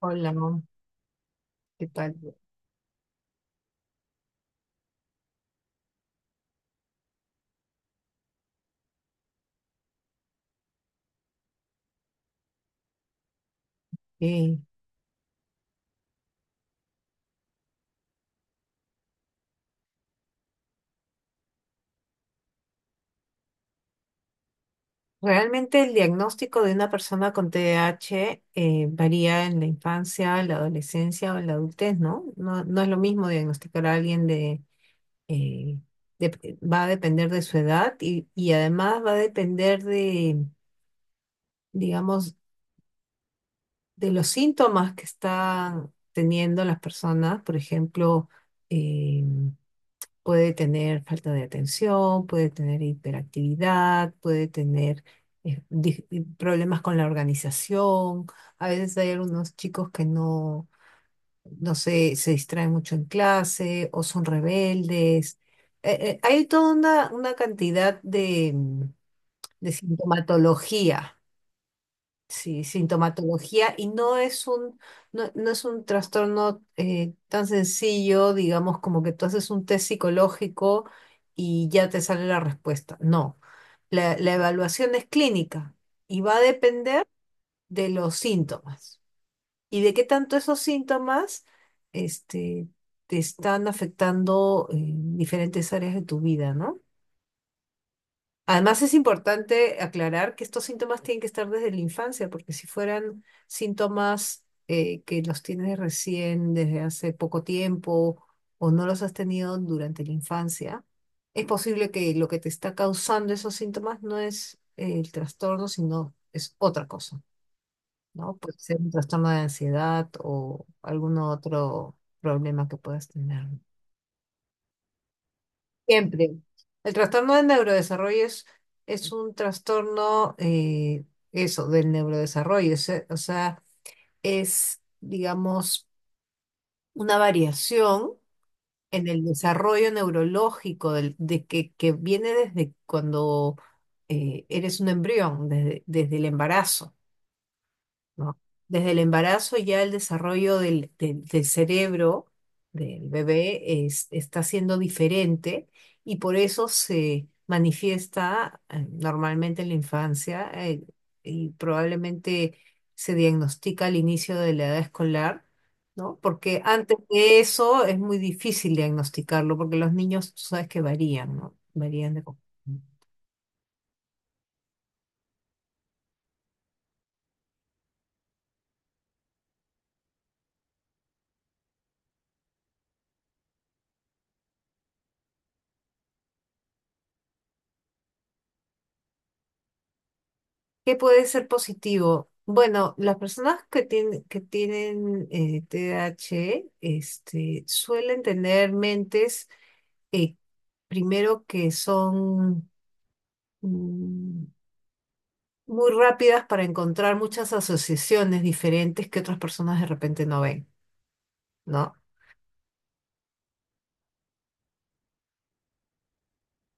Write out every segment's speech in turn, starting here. Hola, ¿qué tal? Eh, Realmente el diagnóstico de una persona con TDAH varía en la infancia, la adolescencia o en la adultez, ¿no? No, no es lo mismo diagnosticar a alguien de, eh, va a depender de su edad y además va a depender de, digamos, de los síntomas que están teniendo las personas, por ejemplo, eh, puede tener falta de atención, puede tener hiperactividad, puede tener eh, dif- problemas con la organización. A veces hay algunos chicos que no, no sé, se distraen mucho en clase o son rebeldes. Hay toda una cantidad de, de sintomatología. Sí, sintomatología y no es un, no, no es un trastorno tan sencillo, digamos, como que tú haces un test psicológico y ya te sale la respuesta. No, la evaluación es clínica y va a depender de los síntomas y de qué tanto esos síntomas este, te están afectando en diferentes áreas de tu vida, ¿no? Además, es importante aclarar que estos síntomas tienen que estar desde la infancia, porque si fueran síntomas que los tienes recién desde hace poco tiempo o no los has tenido durante la infancia, es posible que lo que te está causando esos síntomas no es el trastorno, sino es otra cosa, ¿no? Puede ser un trastorno de ansiedad o algún otro problema que puedas tener. Siempre. El trastorno del neurodesarrollo es un trastorno, eso, del neurodesarrollo. Es, o sea, es, digamos, una variación en el desarrollo neurológico de que viene desde cuando eres un embrión, desde, desde el embarazo. ¿No? Desde el embarazo ya el desarrollo del, del cerebro del bebé está siendo diferente y por eso se manifiesta normalmente en la infancia y probablemente se diagnostica al inicio de la edad escolar, ¿no? Porque antes de eso es muy difícil diagnosticarlo porque los niños, tú sabes que varían, ¿no? Varían de... ¿Qué puede ser positivo? Bueno, las personas que tienen TDAH este, suelen tener mentes, eh, primero que son mm, muy rápidas para encontrar muchas asociaciones diferentes que otras personas de repente no ven, ¿no?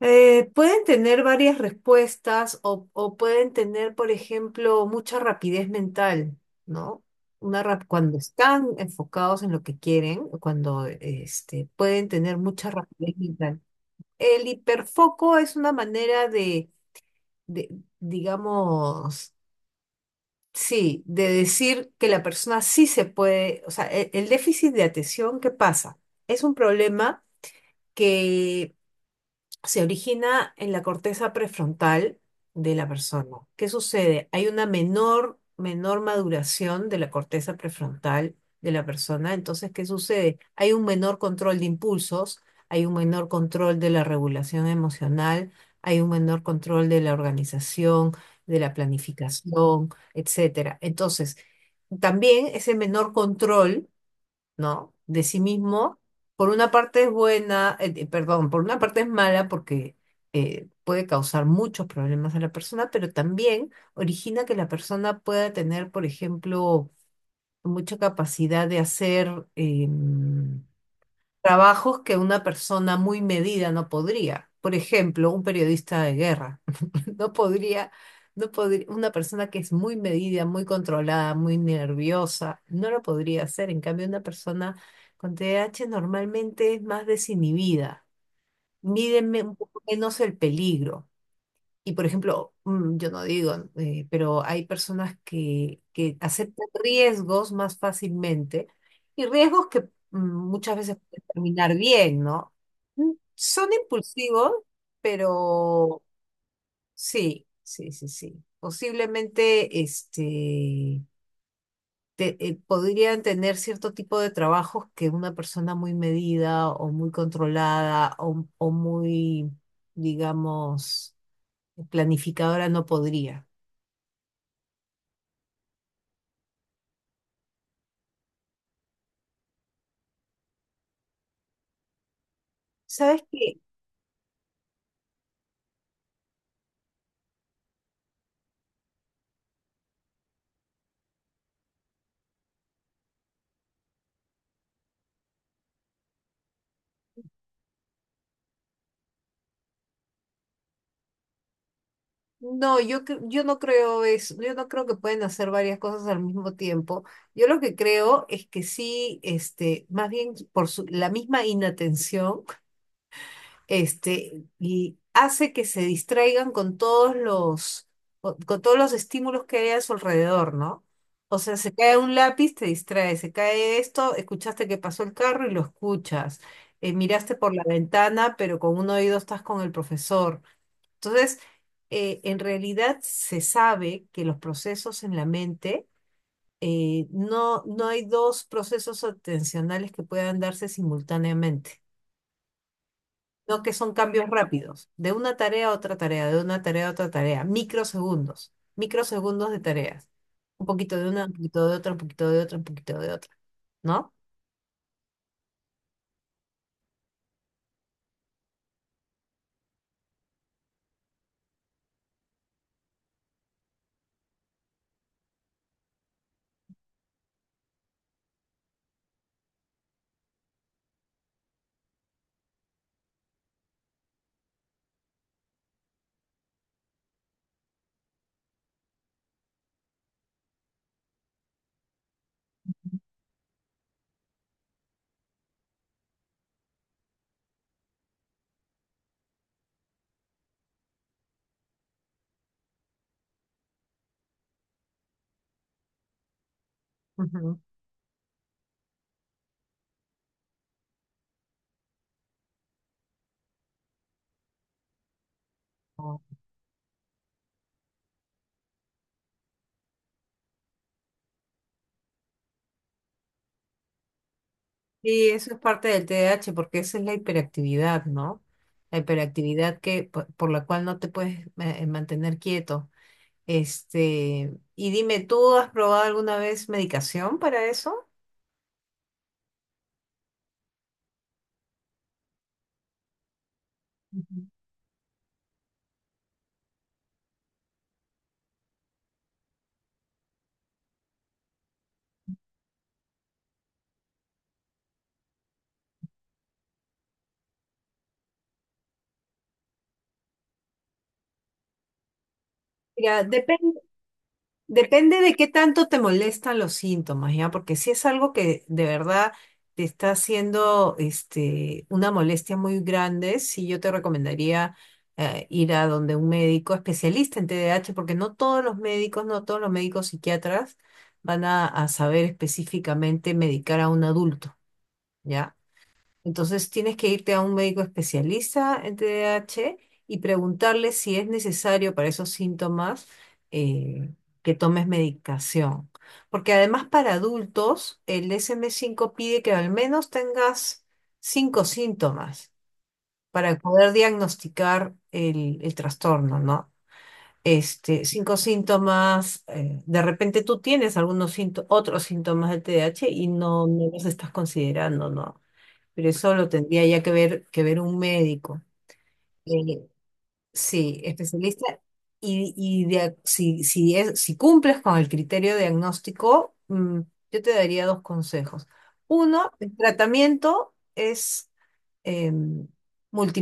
Pueden tener varias respuestas o pueden tener, por ejemplo, mucha rapidez mental, ¿no? Cuando están enfocados en lo que quieren, cuando este, pueden tener mucha rapidez mental. El hiperfoco es una manera de, digamos, sí, de decir que la persona sí se puede, o sea, el déficit de atención, ¿qué pasa? Es un problema que se origina en la corteza prefrontal de la persona. ¿Qué sucede? Hay una menor, menor maduración de la corteza prefrontal de la persona. Entonces, ¿qué sucede? Hay un menor control de impulsos, hay un menor control de la regulación emocional, hay un menor control de la organización, de la planificación, etcétera. Entonces, también ese menor control, ¿no? De sí mismo, por una parte es buena, perdón, por una parte es mala porque puede causar muchos problemas a la persona, pero también origina que la persona pueda tener, por ejemplo, mucha capacidad de hacer em, trabajos que una persona muy medida no podría. Por ejemplo, un periodista de guerra. No podría, no podría, una persona que es muy medida, muy controlada, muy nerviosa, no lo podría hacer. En cambio, una persona con TDAH normalmente es más desinhibida, mídenme un poco menos el peligro. Y por ejemplo, yo no digo, pero hay personas que aceptan riesgos más fácilmente y riesgos que mm, muchas veces pueden terminar bien, ¿no? Son impulsivos, pero sí, sí, sí, sí. Posiblemente este, podrían tener cierto tipo de trabajos que una persona muy medida o muy controlada o muy, digamos, planificadora no podría. ¿Sabes qué? No, yo no creo eso, yo no creo que pueden hacer varias cosas al mismo tiempo. Yo lo que creo es que sí, este, más bien por la misma inatención este, y hace que se distraigan con todos los, con todos los estímulos que hay a su alrededor, ¿no? O sea, se cae un lápiz, te distrae, se cae esto, escuchaste que pasó el carro y lo escuchas. Miraste por la ventana, pero con un oído estás con el profesor. Entonces, en realidad se sabe que los procesos en la mente, no, no hay dos procesos atencionales que puedan darse simultáneamente. No que son cambios rápidos, de una tarea a otra tarea, de una tarea a otra tarea, microsegundos, microsegundos de tareas. Un poquito de una, un poquito de otra, un poquito de otra, un poquito de otra, ¿no? Ujú. Oh. Y eso es parte del TDAH porque esa es la hiperactividad, ¿no? La hiperactividad que, la cual no te puedes mantener quieto. Este, y dime, ¿tú has probado alguna vez medicación para eso? Ujú. Mira, depende. Depende de qué tanto te molestan los síntomas, ¿ya? Porque si es algo que de verdad te está haciendo este, una molestia muy grande, sí, yo te recomendaría ir a donde un médico especialista en TDAH, porque no todos los médicos, no todos los médicos psiquiatras van a saber específicamente medicar a un adulto, ¿ya? Entonces tienes que irte a un médico especialista en TDAH y preguntarle si es necesario para esos síntomas eh, que tomes medicación. Porque además para adultos el DSM-5 pide que al menos tengas cinco síntomas para poder diagnosticar el trastorno, ¿no? Este, cinco síntomas, de repente tú tienes algunos otros síntomas del TDAH y no, no los estás considerando, ¿no? Pero eso lo tendría ya que ver un médico. Eh, sí, especialista. Y, si, si, es, si cumples con el criterio diagnóstico, yo te daría dos consejos. Uno, el tratamiento es multi,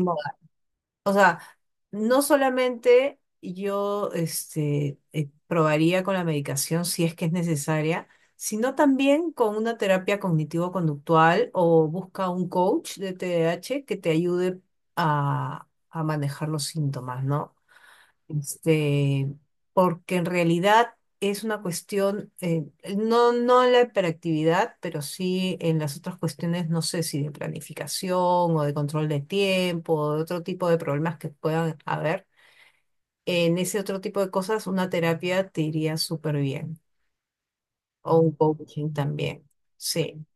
no solamente yo este, probaría con la medicación si es que es necesaria, sino también con una terapia cognitivo-conductual o busca un coach de T D A H que te ayude a manejar los síntomas, ¿no? Este, porque en realidad es una cuestión, no, no en la hiperactividad, pero sí en las otras cuestiones, no sé si de planificación o de control de tiempo o de otro tipo de problemas que puedan haber en ese otro tipo de cosas, una terapia te iría súper bien. O un coaching también. Sí.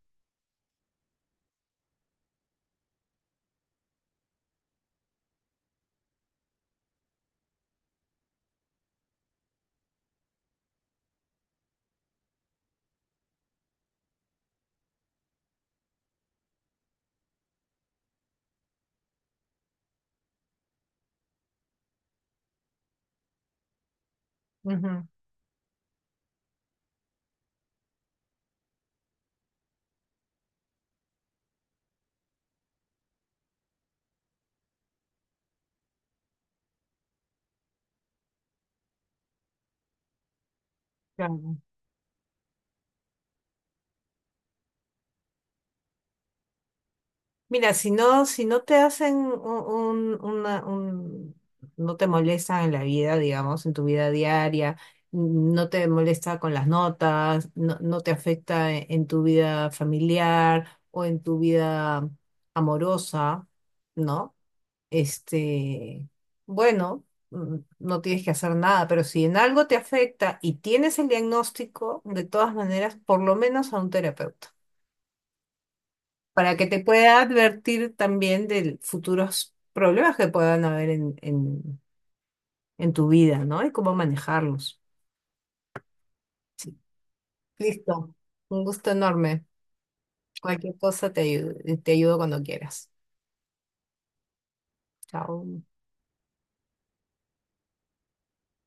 Ujú, claro. Mira, si no, si no te hacen un- una, un- no te molestan en la vida, digamos, en tu vida diaria, no te molesta con las notas, no, no te afecta en tu vida familiar o en tu vida amorosa, ¿no? Este, bueno, no tienes que hacer nada, pero si en algo te afecta y tienes el diagnóstico, de todas maneras, por lo menos a un terapeuta, para que te pueda advertir también de futuros problemas que puedan haber en tu vida, ¿no? Y cómo manejarlos. Sí. Listo. Un gusto enorme. Cualquier cosa te ayudo cuando quieras. Chao.